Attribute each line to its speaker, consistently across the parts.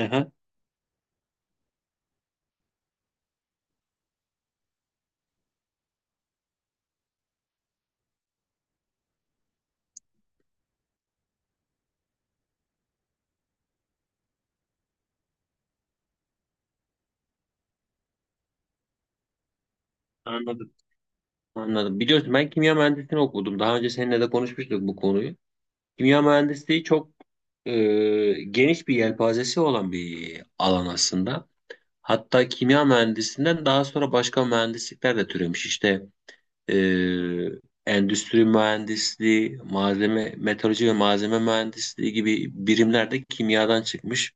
Speaker 1: Aha, anladım. Anladım. Biliyorsun ben kimya mühendisliğini okudum. Daha önce seninle de konuşmuştuk bu konuyu. Kimya mühendisliği çok e, geniş bir yelpazesi olan bir alan aslında. Hatta kimya mühendisinden daha sonra başka mühendislikler de türemiş. İşte e, endüstri mühendisliği, malzeme, metalurji ve malzeme mühendisliği gibi birimler de kimyadan çıkmış.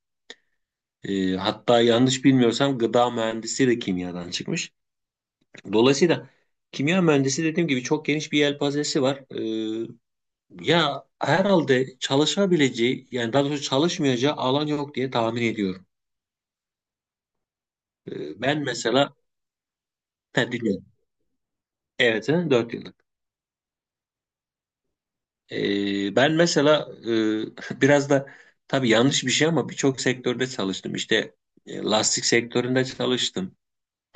Speaker 1: Hatta yanlış bilmiyorsam gıda mühendisliği de kimyadan çıkmış. Dolayısıyla kimya mühendisi dediğim gibi çok geniş bir yelpazesi var. Ee, Ya herhalde çalışabileceği yani daha doğrusu çalışmayacağı alan yok diye tahmin ediyorum. Ben mesela ha, dinliyorum. Evet, 4 yıllık. Ben mesela biraz da tabii yanlış bir şey ama birçok sektörde çalıştım. İşte lastik sektöründe çalıştım.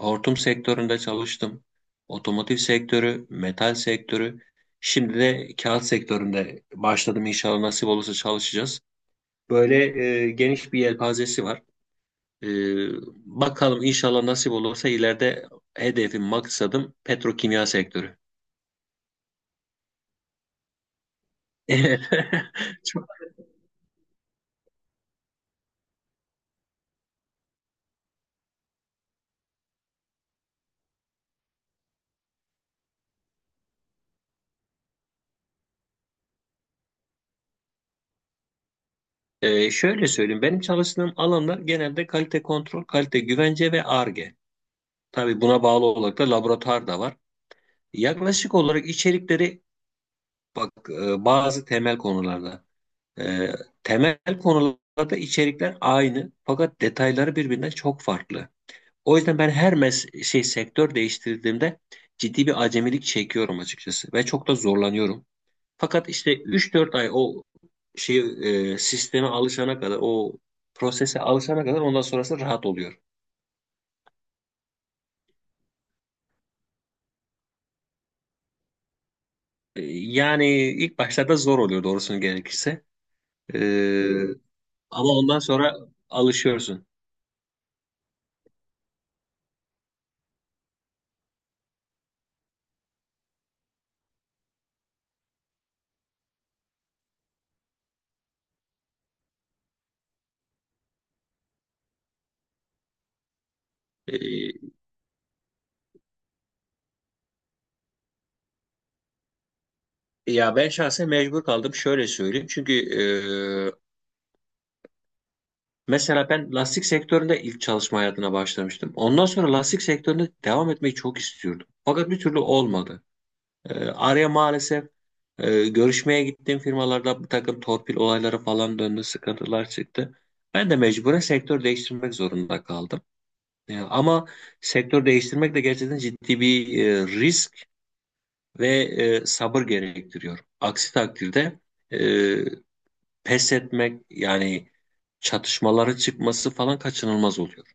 Speaker 1: Hortum sektöründe çalıştım. Otomotiv sektörü, metal sektörü. Şimdi de kağıt sektöründe başladım. İnşallah nasip olursa çalışacağız. Böyle geniş bir yelpazesi var. E, Bakalım inşallah nasip olursa ileride hedefim, maksadım petrokimya sektörü. Evet. Çok- şöyle söyleyeyim. Benim çalıştığım alanlar genelde kalite kontrol, kalite güvence ve Ar-Ge. Tabii buna bağlı olarak da laboratuvar da var. Yaklaşık olarak içerikleri bak, bazı temel e, temel konularda içerikler aynı fakat detayları birbirinden çok farklı. O yüzden ben her mes şey sektör değiştirdiğimde ciddi bir acemilik çekiyorum açıkçası ve çok da zorlanıyorum. Fakat işte üç dört ay şey sisteme alışana kadar, o prosese alışana kadar ondan sonrası rahat oluyor. Yani ilk başlarda zor oluyor doğrusunu gerekirse. E, Ama ondan sonra alışıyorsun. E, Ya ben şahsen mecbur kaldım, şöyle söyleyeyim. Çünkü mesela ben lastik sektöründe ilk çalışma hayatına başlamıştım. Ondan sonra lastik sektöründe devam etmeyi çok istiyordum. Fakat bir türlü olmadı. Araya maalesef görüşmeye gittiğim firmalarda bir takım torpil olayları falan döndü, sıkıntılar çıktı. Ben de mecburen sektör değiştirmek zorunda kaldım. Ama sektör değiştirmek de gerçekten ciddi bir risk ve sabır gerektiriyor. Aksi takdirde e, pes etmek yani çatışmaları çıkması falan kaçınılmaz oluyor.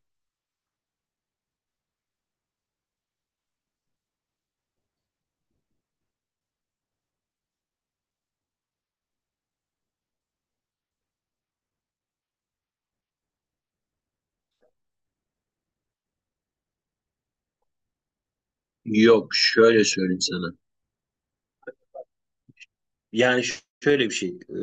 Speaker 1: Yok, şöyle söyleyeyim sana. Yani şöyle bir şey.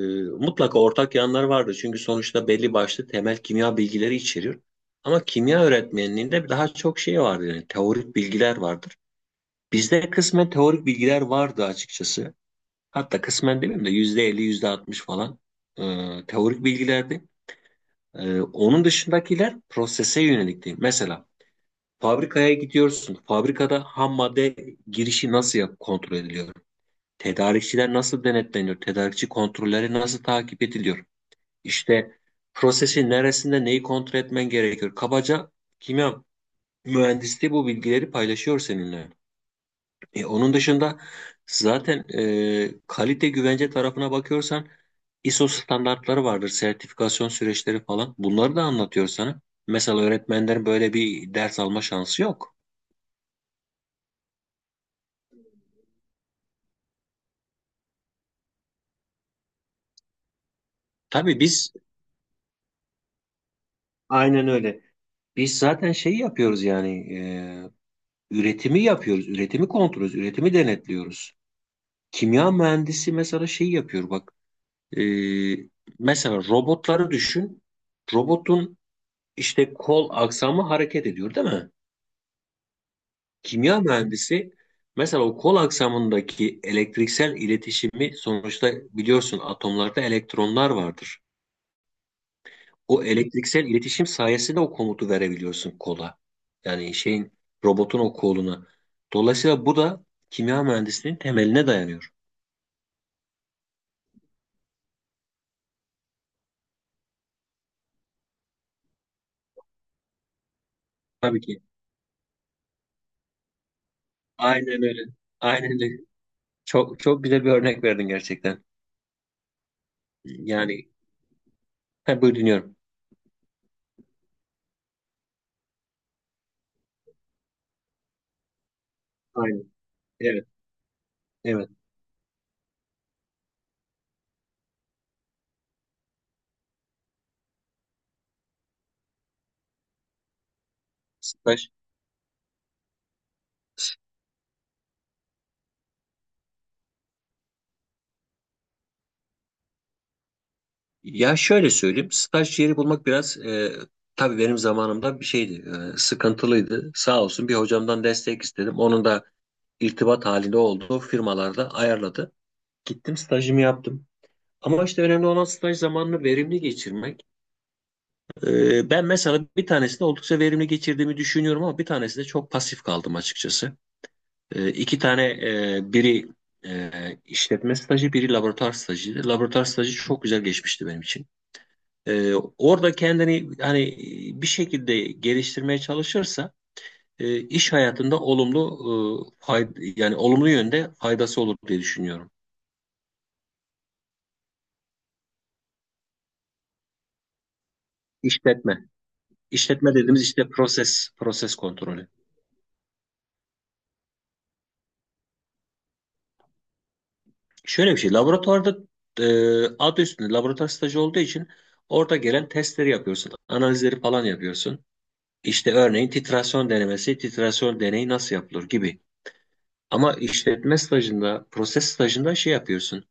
Speaker 1: Mutlaka ortak yanlar vardır. Çünkü sonuçta belli başlı temel kimya bilgileri içeriyor. Ama kimya öğretmenliğinde daha çok şey vardır. Yani teorik bilgiler vardır. Bizde kısmen teorik bilgiler vardı açıkçası. Hatta kısmen demeyeyim de %50, %60 falan e, teorik bilgilerdi. Onun dışındakiler prosese yönelikti. Mesela fabrikaya gidiyorsun. Fabrikada ham madde girişi kontrol ediliyor? Tedarikçiler nasıl denetleniyor? Tedarikçi kontrolleri nasıl takip ediliyor? İşte prosesin neresinde neyi kontrol etmen gerekiyor? Kabaca kimya mühendisliği bu bilgileri paylaşıyor seninle. Onun dışında zaten kalite güvence tarafına bakıyorsan ISO standartları vardır, sertifikasyon süreçleri falan. Bunları da anlatıyor sana. Mesela öğretmenlerin böyle bir ders alma şansı yok. Tabii biz, aynen öyle. Biz zaten şeyi yapıyoruz yani üretimi yapıyoruz, üretimi kontrol ediyoruz, üretimi denetliyoruz. Kimya mühendisi mesela şeyi yapıyor bak. e, Mesela robotları düşün. Robotun işte kol aksamı hareket ediyor, değil mi? Kimya mühendisi mesela o kol aksamındaki elektriksel iletişimi, sonuçta biliyorsun atomlarda elektronlar vardır. O elektriksel iletişim sayesinde o komutu verebiliyorsun kola. Yani şeyin, robotun o koluna. Dolayısıyla bu da kimya mühendisliğinin temeline dayanıyor. Tabii ki. Aynen öyle. Aynen öyle. Çok çok güzel bir örnek verdin gerçekten. Yani ha, buyur dinliyorum. Aynen. Evet. Evet. Staj. Ya şöyle söyleyeyim. Staj yeri bulmak biraz tabii benim zamanımda bir şeydi. Sıkıntılıydı. Sağ olsun bir hocamdan destek istedim. Onun da irtibat halinde olduğu firmalarda ayarladı. Gittim stajımı yaptım. Ama işte önemli olan staj zamanını verimli geçirmek. Ben mesela bir tanesinde oldukça verimli geçirdiğimi düşünüyorum ama bir tanesinde çok pasif kaldım açıkçası. İki tane biri e, işletme stajı, biri laboratuvar stajıydı. Laboratuvar stajı çok güzel geçmişti benim için. Orada kendini hani bir şekilde geliştirmeye çalışırsa iş hayatında olumlu e, fayda, yani olumlu yönde faydası olur diye düşünüyorum. İşletme. İşletme dediğimiz işte proses, proses kontrolü. Şöyle bir şey, laboratuvarda e, adı üstünde laboratuvar stajı olduğu için orada gelen testleri yapıyorsun, analizleri falan yapıyorsun. İşte örneğin titrasyon denemesi, titrasyon deneyi nasıl yapılır gibi. Ama işletme stajında, proses stajında şey yapıyorsun.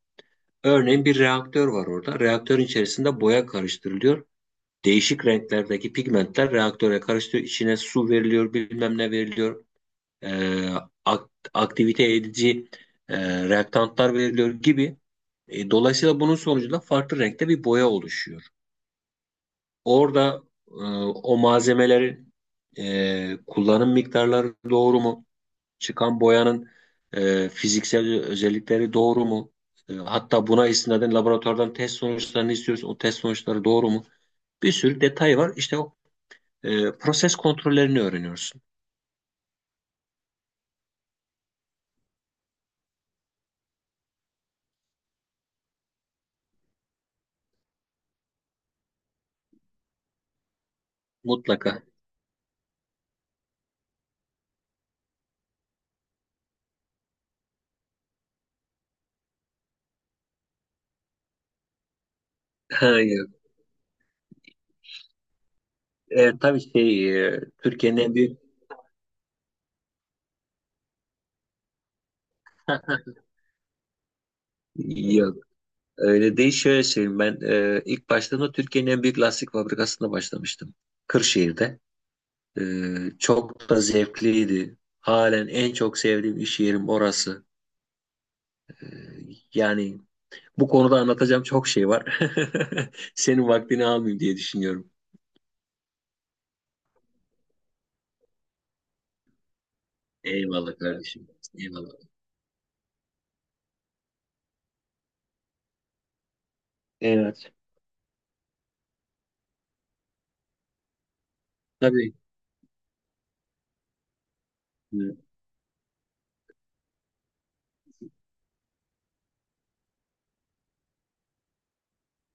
Speaker 1: Örneğin bir reaktör var orada. Reaktörün içerisinde boya karıştırılıyor. Değişik renklerdeki pigmentler reaktöre karıştırıyor. İçine su veriliyor, bilmem ne veriliyor. e, aktivite edici reaktantlar veriliyor gibi. Dolayısıyla bunun sonucunda farklı renkte bir boya oluşuyor. Orada e, o malzemelerin kullanım miktarları doğru mu? Çıkan boyanın fiziksel özellikleri doğru mu? Hatta buna istinaden laboratuvardan test sonuçlarını istiyoruz. O test sonuçları doğru mu? Bir sürü detay var. İşte proses kontrollerini öğreniyorsun. Mutlaka. Hayır. Tabii Türkiye'nin en büyük yok, öyle değil, şöyle söyleyeyim ben ilk başladığımda Türkiye'nin en büyük lastik fabrikasında başlamıştım, Kırşehir'de. E, Çok da zevkliydi, halen en çok sevdiğim iş yerim orası. E, Yani bu konuda anlatacağım çok şey var. Senin vaktini almayayım diye düşünüyorum. Eyvallah kardeşim, eyvallah. Evet, tabii. e,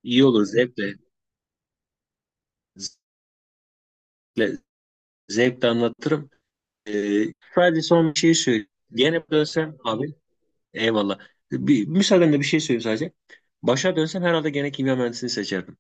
Speaker 1: iyi olur, zevkle. Zevkle, zevkle anlatırım. Ee, Sadece son bir şey söyleyeyim. Gene dönsem abi, eyvallah. Bir, müsaadenle bir şey söyleyeyim sadece. Başa dönsem herhalde gene kimya mühendisliğini seçerdim.